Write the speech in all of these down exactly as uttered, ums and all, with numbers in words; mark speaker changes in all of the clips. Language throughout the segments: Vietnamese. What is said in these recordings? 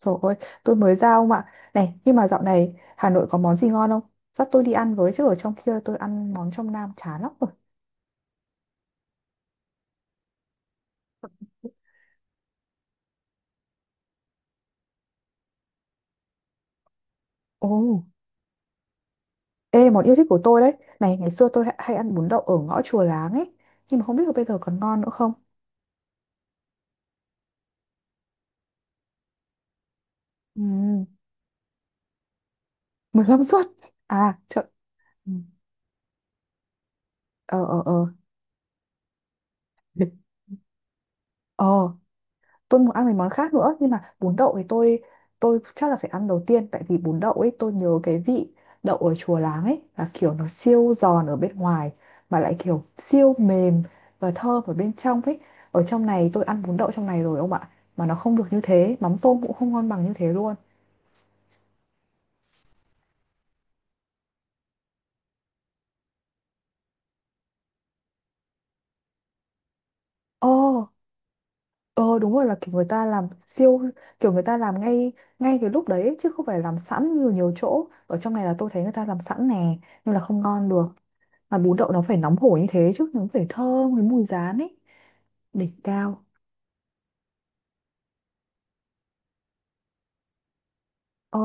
Speaker 1: Trời ơi, tôi mới ra ông ạ. Này, nhưng mà dạo này Hà Nội có món gì ngon không? Dắt tôi đi ăn với chứ ở trong kia tôi ăn món trong Nam chán lắm rồi. Ồ, ê, món yêu thích của tôi đấy. Này, ngày xưa tôi hay hay ăn bún đậu ở ngõ Chùa Láng ấy. Nhưng mà không biết là bây giờ còn ngon nữa không? Ừ, Mười lăm suất. À, chợ... Ừ. Ờ, ờ, ờ. Ờ, tôi muốn ăn mấy món khác nữa, nhưng mà bún đậu thì tôi tôi chắc là phải ăn đầu tiên, tại vì bún đậu ấy tôi nhớ cái vị đậu ở Chùa Láng ấy là kiểu nó siêu giòn ở bên ngoài mà lại kiểu siêu mềm và thơm ở bên trong ấy. Ở trong này tôi ăn bún đậu trong này rồi ông ạ, mà nó không được như thế, mắm tôm cũng không ngon bằng như thế luôn. Ồ, ờ đúng rồi, là kiểu người ta làm siêu, kiểu người ta làm ngay ngay cái lúc đấy ấy, chứ không phải làm sẵn như nhiều chỗ ở trong này, là tôi thấy người ta làm sẵn nè, nhưng là không ngon được. Mà bún đậu nó phải nóng hổi như thế chứ, nó phải thơm với mùi rán ấy. Đỉnh cao. Ờ,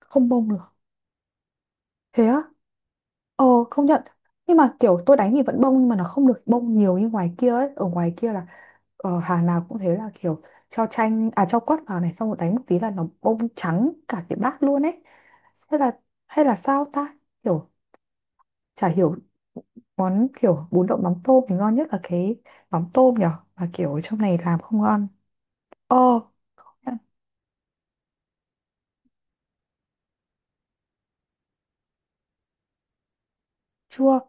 Speaker 1: không bông được. Thế á? Ờ, không nhận. Nhưng mà kiểu tôi đánh thì vẫn bông, nhưng mà nó không được bông nhiều như ngoài kia ấy. Ở ngoài kia là, ờ, hàng nào cũng thế, là kiểu cho chanh à cho quất vào này, xong rồi đánh một tí là nó bông trắng cả cái bát luôn ấy. Hay là, hay là sao ta, kiểu, chả hiểu. Món kiểu bún đậu mắm tôm thì ngon nhất là cái mắm tôm nhở, mà kiểu trong này làm không ngon. Ờ, nhận. Chưa.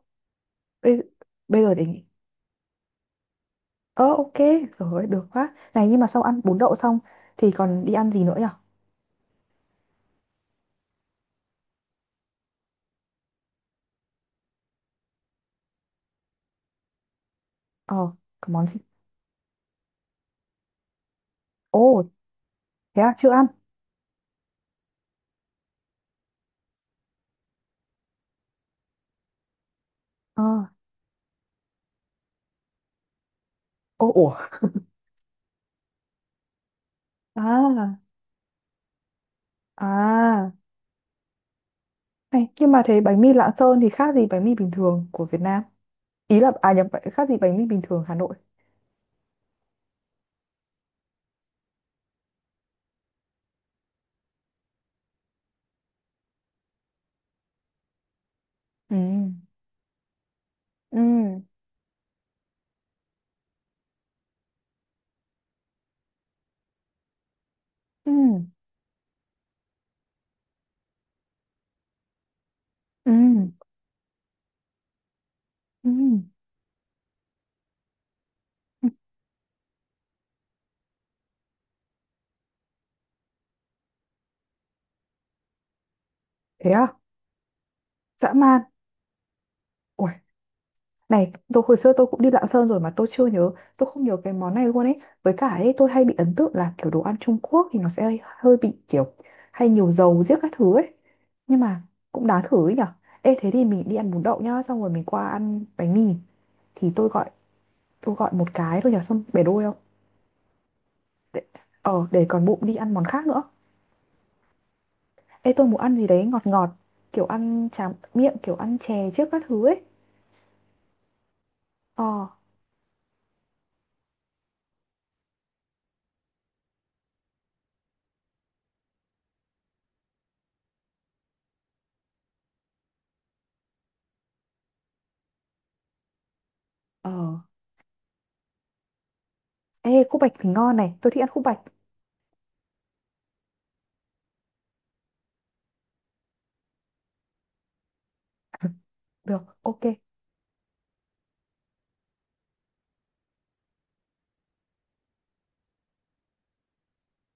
Speaker 1: Bây, bây giờ để nghĩ. Ờ, ok rồi ơi, được quá này. Nhưng mà sau ăn bún đậu xong thì còn đi ăn gì nữa nhở? Ờ, có món gì? Ồ, thế à? Chưa ăn. Ờ, ô, ủa, à, à. Này, nhưng mà thế bánh mì Lạng Sơn thì khác gì bánh mì bình thường của Việt Nam? Ý là, à, nhập, khác gì bánh mì bình thường Hà Nội? Ừ, ừ, ừ, ừ, ừ, thế à? Dã man. Ủa, này, tôi hồi xưa tôi cũng đi Lạng Sơn rồi mà tôi chưa nhớ, tôi không nhớ cái món này luôn ấy. Với cả ấy, tôi hay bị ấn tượng là kiểu đồ ăn Trung Quốc thì nó sẽ hơi, hơi bị kiểu hay nhiều dầu giết các thứ ấy. Nhưng mà cũng đáng thử ấy nhở. Ê, thế thì mình đi ăn bún đậu nhá, xong rồi mình qua ăn bánh mì. Thì tôi gọi tôi gọi một cái thôi nhở, xong bể đôi không? Để, ờ, để còn bụng đi ăn món khác nữa. Ê, tôi muốn ăn gì đấy ngọt ngọt, kiểu ăn tráng miệng, kiểu ăn chè trước các thứ ấy. Ờ, ờ. Ê, khúc bạch thì ngon này, tôi thích ăn khúc bạch. Được, ok.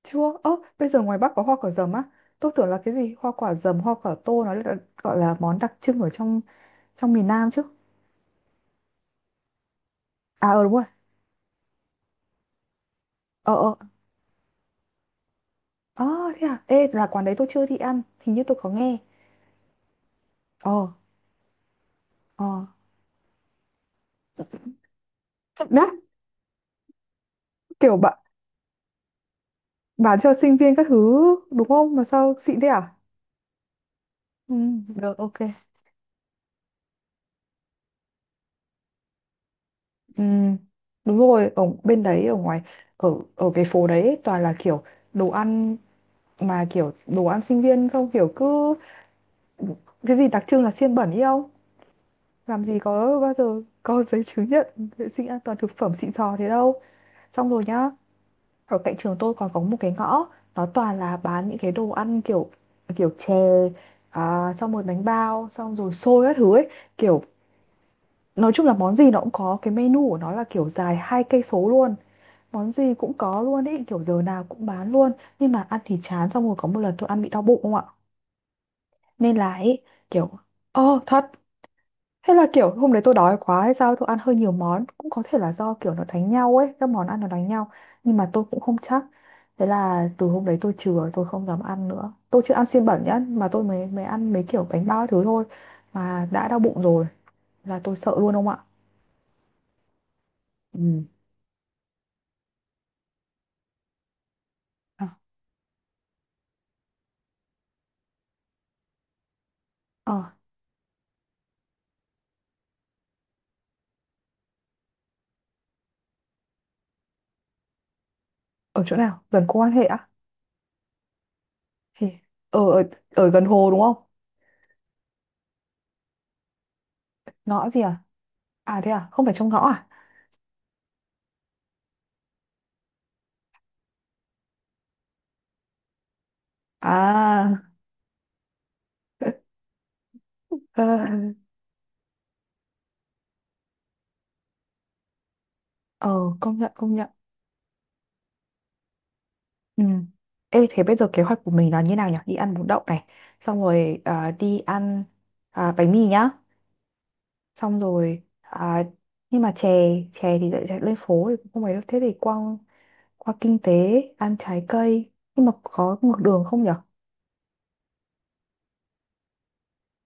Speaker 1: Chưa, ơ, bây giờ ngoài Bắc có hoa quả dầm á. Tôi tưởng là cái gì hoa quả dầm, hoa quả tô nó là, gọi là món đặc trưng ở trong trong miền Nam chứ. À, ờ đúng rồi. Ờ, ờ. Ờ, thế à. Ê, là quán đấy tôi chưa đi ăn, hình như tôi có nghe. Ờ, ờ. Đắt, kiểu bạn bán cho sinh viên các thứ đúng không? Mà sao xịn thế à? Ừ, được, ok. Ừ, đúng rồi, ở bên đấy, ở ngoài, ở ở cái phố đấy ấy, toàn là kiểu đồ ăn, mà kiểu đồ ăn sinh viên không, kiểu cứ cái gì đặc trưng là xiên bẩn ý, không? Làm gì có bao giờ có giấy chứng nhận vệ sinh an toàn thực phẩm xịn sò thế đâu. Xong rồi nhá, ở cạnh trường tôi còn có một cái ngõ, nó toàn là bán những cái đồ ăn kiểu kiểu chè à, xong rồi bánh bao, xong rồi xôi các thứ ấy, kiểu nói chung là món gì nó cũng có cái menu của nó là kiểu dài hai cây số luôn, món gì cũng có luôn ấy, kiểu giờ nào cũng bán luôn. Nhưng mà ăn thì chán. Xong rồi có một lần tôi ăn bị đau bụng không ạ, nên là ấy, kiểu. Ờ, thật. Hay là kiểu hôm đấy tôi đói quá hay sao tôi ăn hơi nhiều món. Cũng có thể là do kiểu nó đánh nhau ấy, các món ăn nó đánh nhau. Nhưng mà tôi cũng không chắc. Thế là từ hôm đấy tôi chừa, tôi không dám ăn nữa. Tôi chưa ăn xiên bẩn nhá. Mà tôi mới mới ăn mấy kiểu bánh bao thứ thôi mà đã đau bụng rồi, là tôi sợ luôn ông ạ. Ừ. À, ờ, ở chỗ nào? Gần cô quan hệ á? Thì ở, ở, ở gần hồ đúng không? Ngõ gì à? À, thế à? Không phải trong ngõ à? À. Ờ, công nhận, công nhận. Ừ. Ê, thế bây giờ kế hoạch của mình là như nào nhỉ? Đi ăn bún đậu này, xong rồi à, đi ăn à, bánh mì nhá, xong rồi à, nhưng mà chè chè thì lại chạy lên phố thì cũng không phải đâu. Thế thì qua qua kinh tế ăn trái cây, nhưng mà có ngược đường không nhỉ?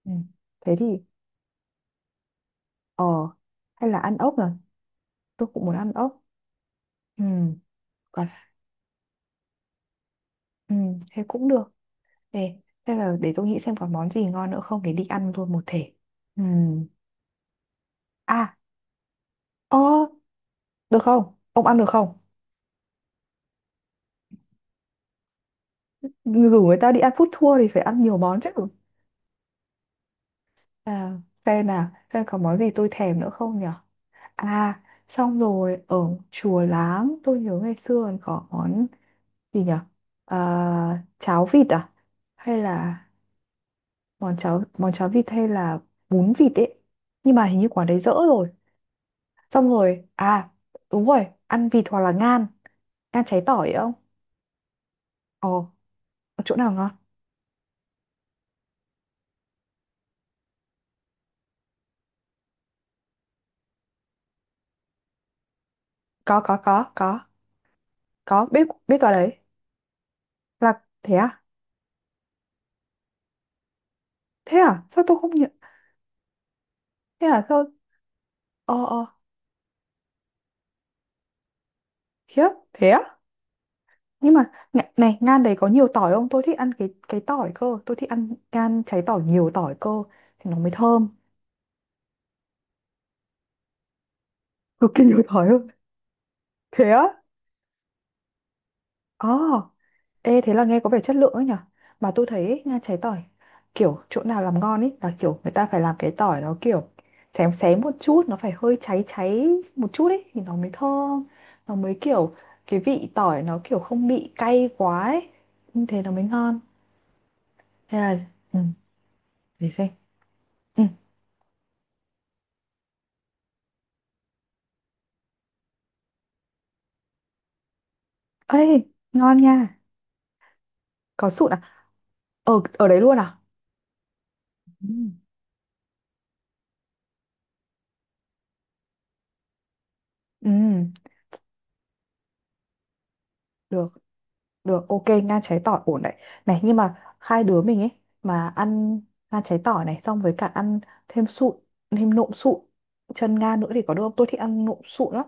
Speaker 1: Ừ. Thế thì, ờ, hay là ăn ốc nhỉ? Tôi cũng muốn ăn ốc. Ừ. Còn, ừ, thế cũng được. Ê, thế là để tôi nghĩ xem có món gì ngon nữa không để đi ăn luôn một thể. Ừ. À, ơ, được không? Ông ăn được không? Rủ người ta đi ăn food tour thì phải ăn nhiều món chứ. À, xem nào, xem có món gì tôi thèm nữa không nhỉ? À, xong rồi ở Chùa Láng tôi nhớ ngày xưa còn có món gì nhỉ? À, cháo vịt à, hay là món cháo món cháo vịt, hay là bún vịt ấy, nhưng mà hình như quán đấy dỡ rồi. Xong rồi à, đúng rồi, ăn vịt hoặc là ngan, ngan cháy tỏi ấy không? Ồ, chỗ nào ngon? Có, có, có, có. Có biết biết tòa đấy. Là thế à? Thế à, sao tôi không nhận? Thế à? Sao? Ờ, ờ, khiếp thế á? Nhưng mà này, này ngan đấy có nhiều tỏi không, tôi thích ăn cái cái tỏi cơ, tôi thích ăn ngan cháy tỏi nhiều tỏi cơ thì nó mới thơm. Cực kỳ nhiều tỏi luôn. Thế á? Ờ. Ê, thế là nghe có vẻ chất lượng ấy nhở. Mà tôi thấy ấy, ngan cháy tỏi kiểu chỗ nào làm ngon ấy là kiểu người ta phải làm cái tỏi nó kiểu xém xém một chút, nó phải hơi cháy cháy một chút ấy thì nó mới thơm, nó mới kiểu cái vị tỏi nó kiểu không bị cay quá ấy, như thế nó mới ngon. Thế là ừ, để xem. Ừ. Ê, ngon nha. Có sụn à? Ở ở đấy luôn à? Ừ. Ừ, được, được, ok, ngan cháy tỏi ổn đấy. Này, nhưng mà hai đứa mình ấy, mà ăn ngan cháy tỏi này xong với cả ăn thêm sụn, thêm nộm sụn, chân ngan nữa thì có được không? Tôi thích ăn nộm sụn lắm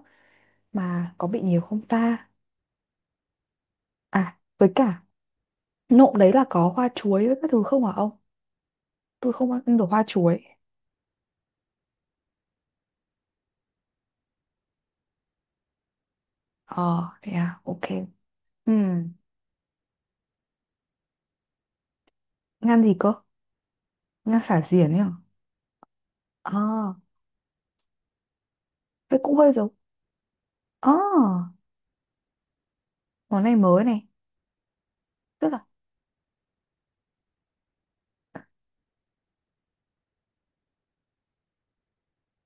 Speaker 1: mà có bị nhiều không ta? À, với cả nộm đấy là có hoa chuối với các thứ không hả ông? Tôi không ăn được hoa chuối. Ờ, thế à, ok. Ừ, ngan gì cơ? Ngan xả diển ấy hả? À, vậy cũng hơi giống. À, món này mới này. Tức là,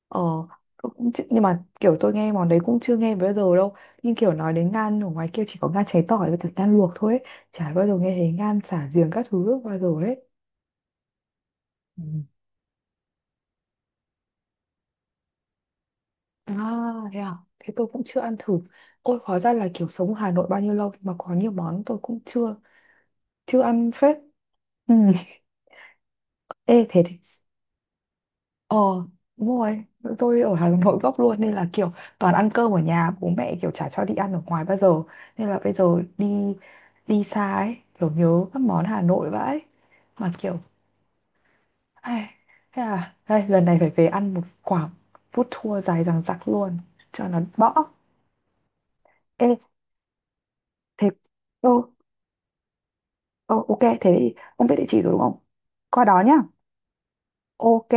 Speaker 1: ờ, tôi cũng chưa- nhưng mà kiểu tôi nghe món đấy cũng chưa nghe bao giờ đâu. Nhưng kiểu nói đến ngan ở ngoài kia chỉ có ngan cháy tỏi với cả ngan luộc thôi ấy. Chả bao giờ nghe thấy ngan xả giềng các thứ bao giờ ấy. Ừ. À, thế à? Thế tôi cũng chưa ăn thử. Ôi, hóa ra là kiểu sống ở Hà Nội bao nhiêu lâu mà có nhiều món tôi cũng chưa chưa ăn phết. Ừ. Ê, thế thì, ờ, đúng rồi. Tôi ở Hà Nội gốc luôn nên là kiểu toàn ăn cơm ở nhà, bố mẹ kiểu chả cho đi ăn ở ngoài bao giờ. Nên là bây giờ đi đi xa ấy, kiểu nhớ các món Hà Nội vãi. Mà kiểu, ai, thế là đây, lần này phải về ăn một quả food tour dài dằng dặc luôn, cho nó bõ. Ê, thế, ừ, ừ, ok, thế thì ông biết địa chỉ rồi đúng không? Qua đó nhá. Ok.